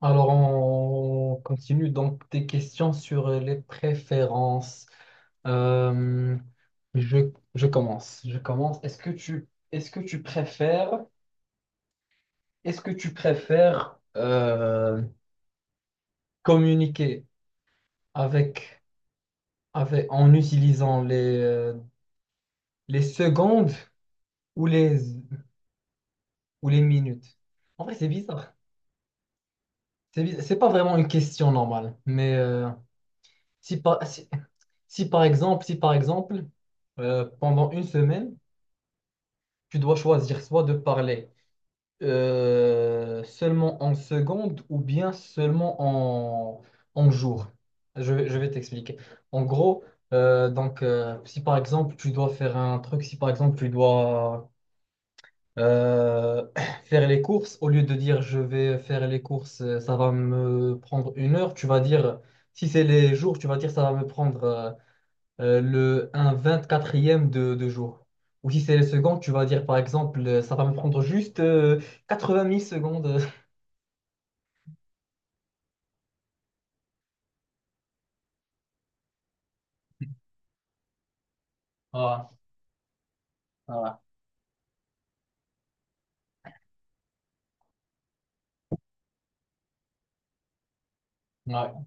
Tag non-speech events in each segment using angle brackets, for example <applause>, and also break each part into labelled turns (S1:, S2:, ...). S1: Alors, on continue donc tes questions sur les préférences. Euh, je, je commence. Je commence. Est-ce que tu préfères, est-ce que tu préfères communiquer avec, avec, en utilisant les secondes ou les, ou les minutes? En vrai, c'est bizarre. C'est bizarre. C'est pas vraiment une question normale, mais si, par- si- Si par exemple, si par exemple, pendant une semaine, tu dois choisir soit de parler seulement en secondes ou bien seulement en jours. Je vais t'expliquer. En gros, si par exemple, tu dois faire un truc, si par exemple, tu dois euh, <clears throat> faire les courses, au lieu de dire je vais faire les courses, ça va me prendre une heure, tu vas dire, si c'est les jours, tu vas dire ça va me prendre un vingt-quatrième de jour. Ou si c'est les secondes, tu vas dire par exemple, ça va me prendre juste 20 000 secondes. <laughs> Voilà, voilà. Ouais.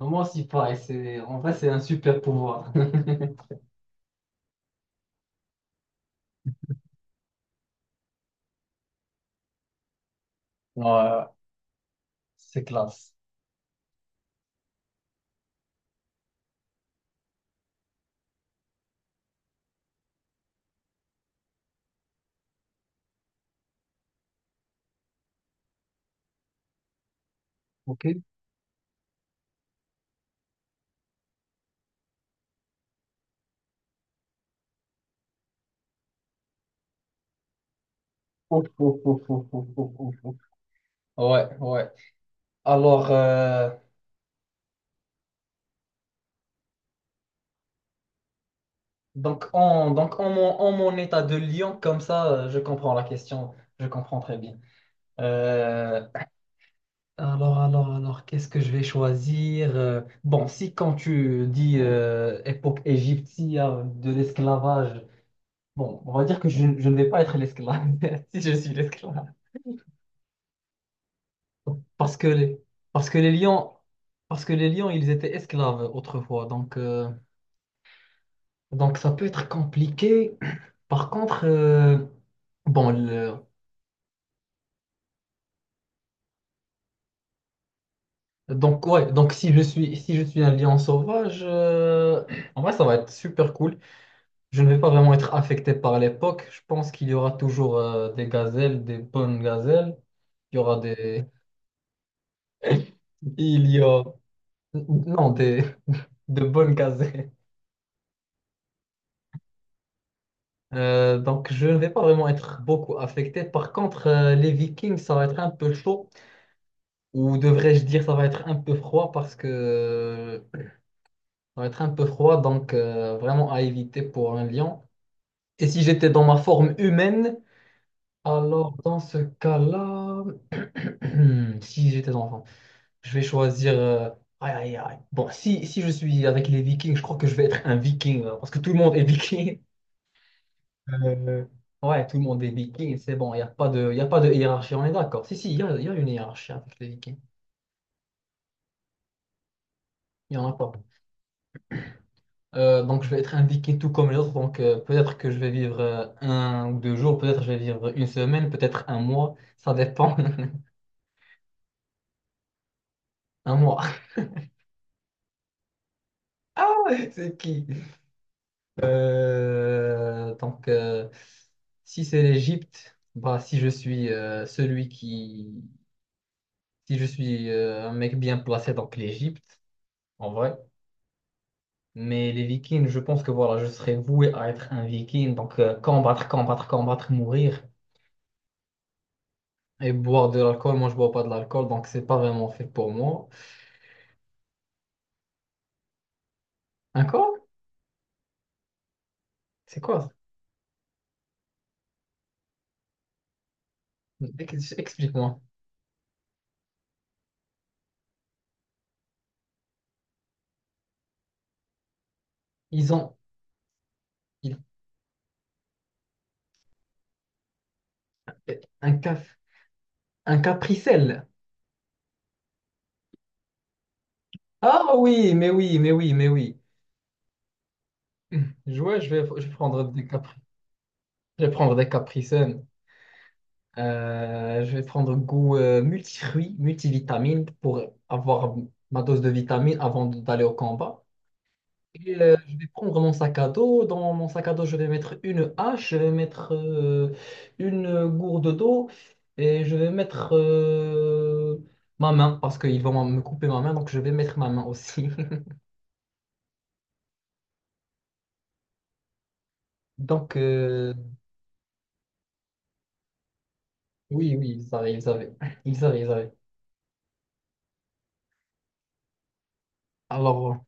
S1: Moi aussi, pareil. C'est, en vrai, c'est un super pouvoir. <laughs> Ouais, c'est classe. Ok. <laughs> Ouf, ouf, ouf, ouf, ouf, ouf, ouf, ouf. Ouais, ouais. Alors, euh, donc, en mon état de lion, comme ça, je comprends la question. Je comprends très bien. Euh, alors, qu'est-ce que je vais choisir? Bon, si quand tu dis époque égyptienne de l'esclavage, bon, on va dire que je ne vais pas être l'esclave, <laughs> si je suis l'esclave. Parce que les, parce que les lions, parce que les lions, ils étaient esclaves autrefois, donc ça peut être compliqué. Par contre, bon, le- donc ouais, donc si je suis un lion sauvage, en vrai, ça va être super cool. Je ne vais pas vraiment être affecté par l'époque. Je pense qu'il y aura toujours des gazelles, des bonnes gazelles. Il y aura des... <laughs> Il y a... Non, des... de bonnes gazelles. Donc, je ne vais pas vraiment être beaucoup affecté. Par contre, les Vikings, ça va être un peu chaud. Ou devrais-je dire, ça va être un peu froid parce que... Ça va être un peu froid, donc vraiment à éviter pour un lion. Et si j'étais dans ma forme humaine, alors dans ce cas-là... <clears throat> Si j'étais enfant. Je vais choisir. Aïe, aïe, aïe. Bon, si je suis avec les Vikings, je crois que je vais être un Viking, hein, parce que tout le monde est Viking. Euh, Ouais, tout le monde est Viking. C'est bon, il a pas de hiérarchie. On est d'accord. Si, il y a une hiérarchie avec les Vikings. Il n'y en a pas. Donc, je vais être un Viking tout comme les autres. Donc, peut-être que je vais vivre un ou deux jours. Peut-être je vais vivre une semaine. Peut-être un mois. Ça dépend. <laughs> Un mois. <laughs> Ah, ouais, c'est qui? Euh, donc, euh, si c'est l'Égypte, bah, si je suis celui qui... Si je suis un mec bien placé, donc l'Égypte, en vrai. Mais les Vikings, je pense que voilà, je serais voué à être un Viking. Donc, combattre, combattre, combattre, mourir. Et boire de l'alcool, moi, je bois pas de l'alcool, donc c'est pas vraiment fait pour moi. Un corps? C'est quoi? Explique-moi. Ils ont ils- un, caf un capricelle. Ah oui, mais oui, mais oui, mais oui. Ouais, je vais prendre des capricènes. Je vais prendre goût multifruits, multivitamines pour avoir ma dose de vitamines avant d'aller au combat. Et, je vais prendre mon sac à dos. Dans mon sac à dos, je vais mettre une hache, je vais mettre une gourde d'eau et je vais mettre ma main parce qu'ils vont me couper ma main, donc je vais mettre ma main aussi. <laughs> Donc, oui, oui, ils arrivent, ils arrivent. Alors,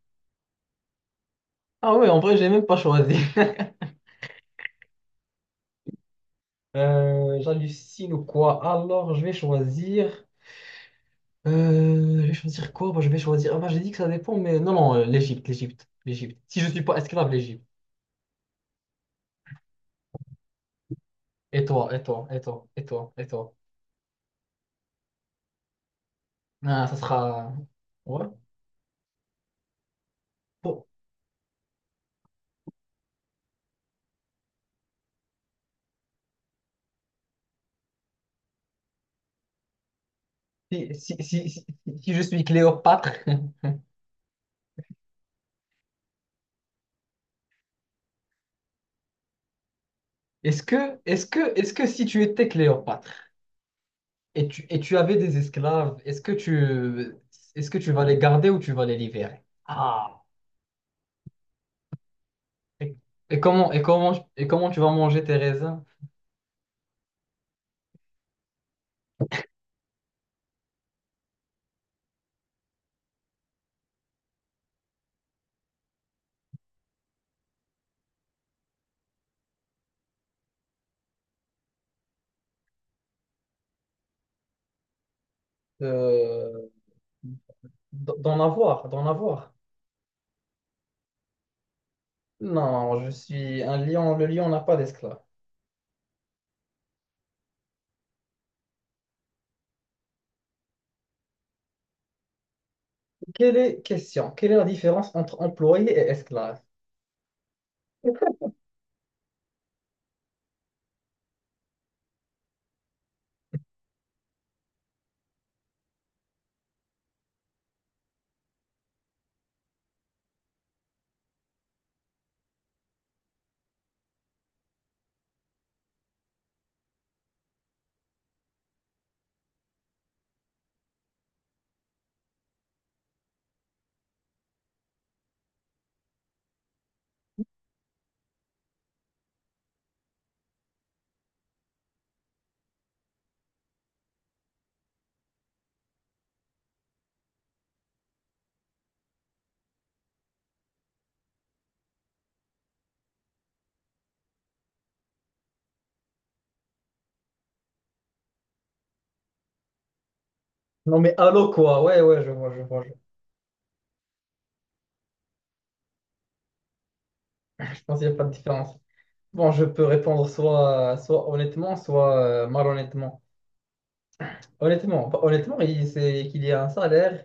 S1: ah ouais, en vrai, j'ai même pas choisi. <laughs> J'hallucine ou quoi? Alors, je vais choisir. Je vais choisir quoi? Bah, je vais choisir. Ah bah, j'ai dit que ça dépend, mais non, l'Égypte, l'Égypte, l'Égypte. Si je suis pas esclave, l'Égypte. Et toi, et toi, et toi, et toi, et toi. Ah, ça sera. Ouais. Bon. Si, si je suis Cléopâtre, <laughs> est-ce que, est-ce que si tu étais Cléopâtre et tu avais des esclaves, est-ce que tu vas les garder ou tu vas les libérer? Ah. Et, et comment tu vas manger tes raisins euh, d'en avoir? Non, je suis un lion. Le lion n'a pas d'esclave. Quelle est, question, quelle est la différence entre employé et esclave? Non, mais allô quoi? Ouais, ouais, je vois, je vois. Je pense qu'il n'y a pas de différence. Bon, je peux répondre soit honnêtement, soit malhonnêtement. Honnêtement, bah, honnêtement, c'est qu'il y a un salaire.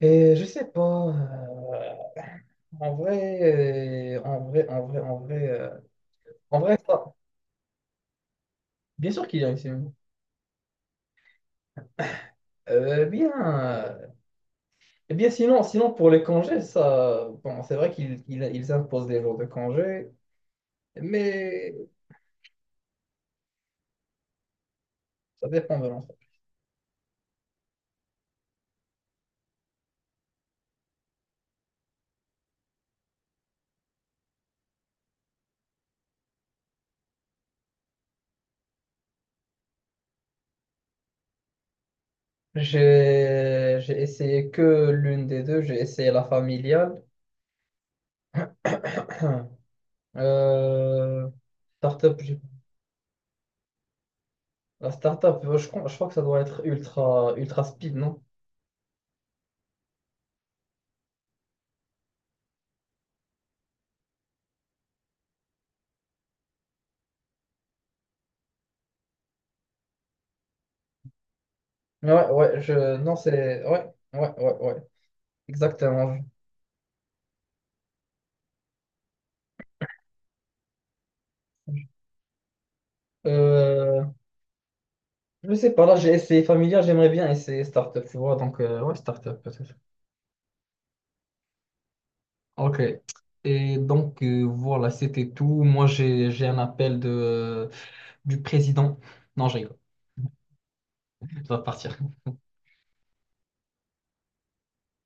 S1: Et je sais pas. En vrai, en vrai, en vrai, en vrai, en vrai, ça. Bien sûr qu'il y a une semaine. Euh, bien, euh, eh bien sinon, sinon, pour les congés, ça, bon, c'est vrai qu'ils ils, ils imposent des jours de congés, mais ça dépend de l'enfant. J'ai essayé que l'une des deux, j'ai essayé la familiale. <clears throat> Euh, startup, j'ai- la startup, je crois que ça doit être ultra, ultra speed, non? Ouais, ouais, je, non, c'est, ouais, ouais, ouais, ouais, exactement. Euh, Je sais pas, là j'ai essayé familial, j'aimerais bien essayer startup, tu vois, donc ouais, startup peut-être. Ok. Et donc voilà, c'était tout. Moi j'ai un appel du président. Non, je rigole, je dois partir.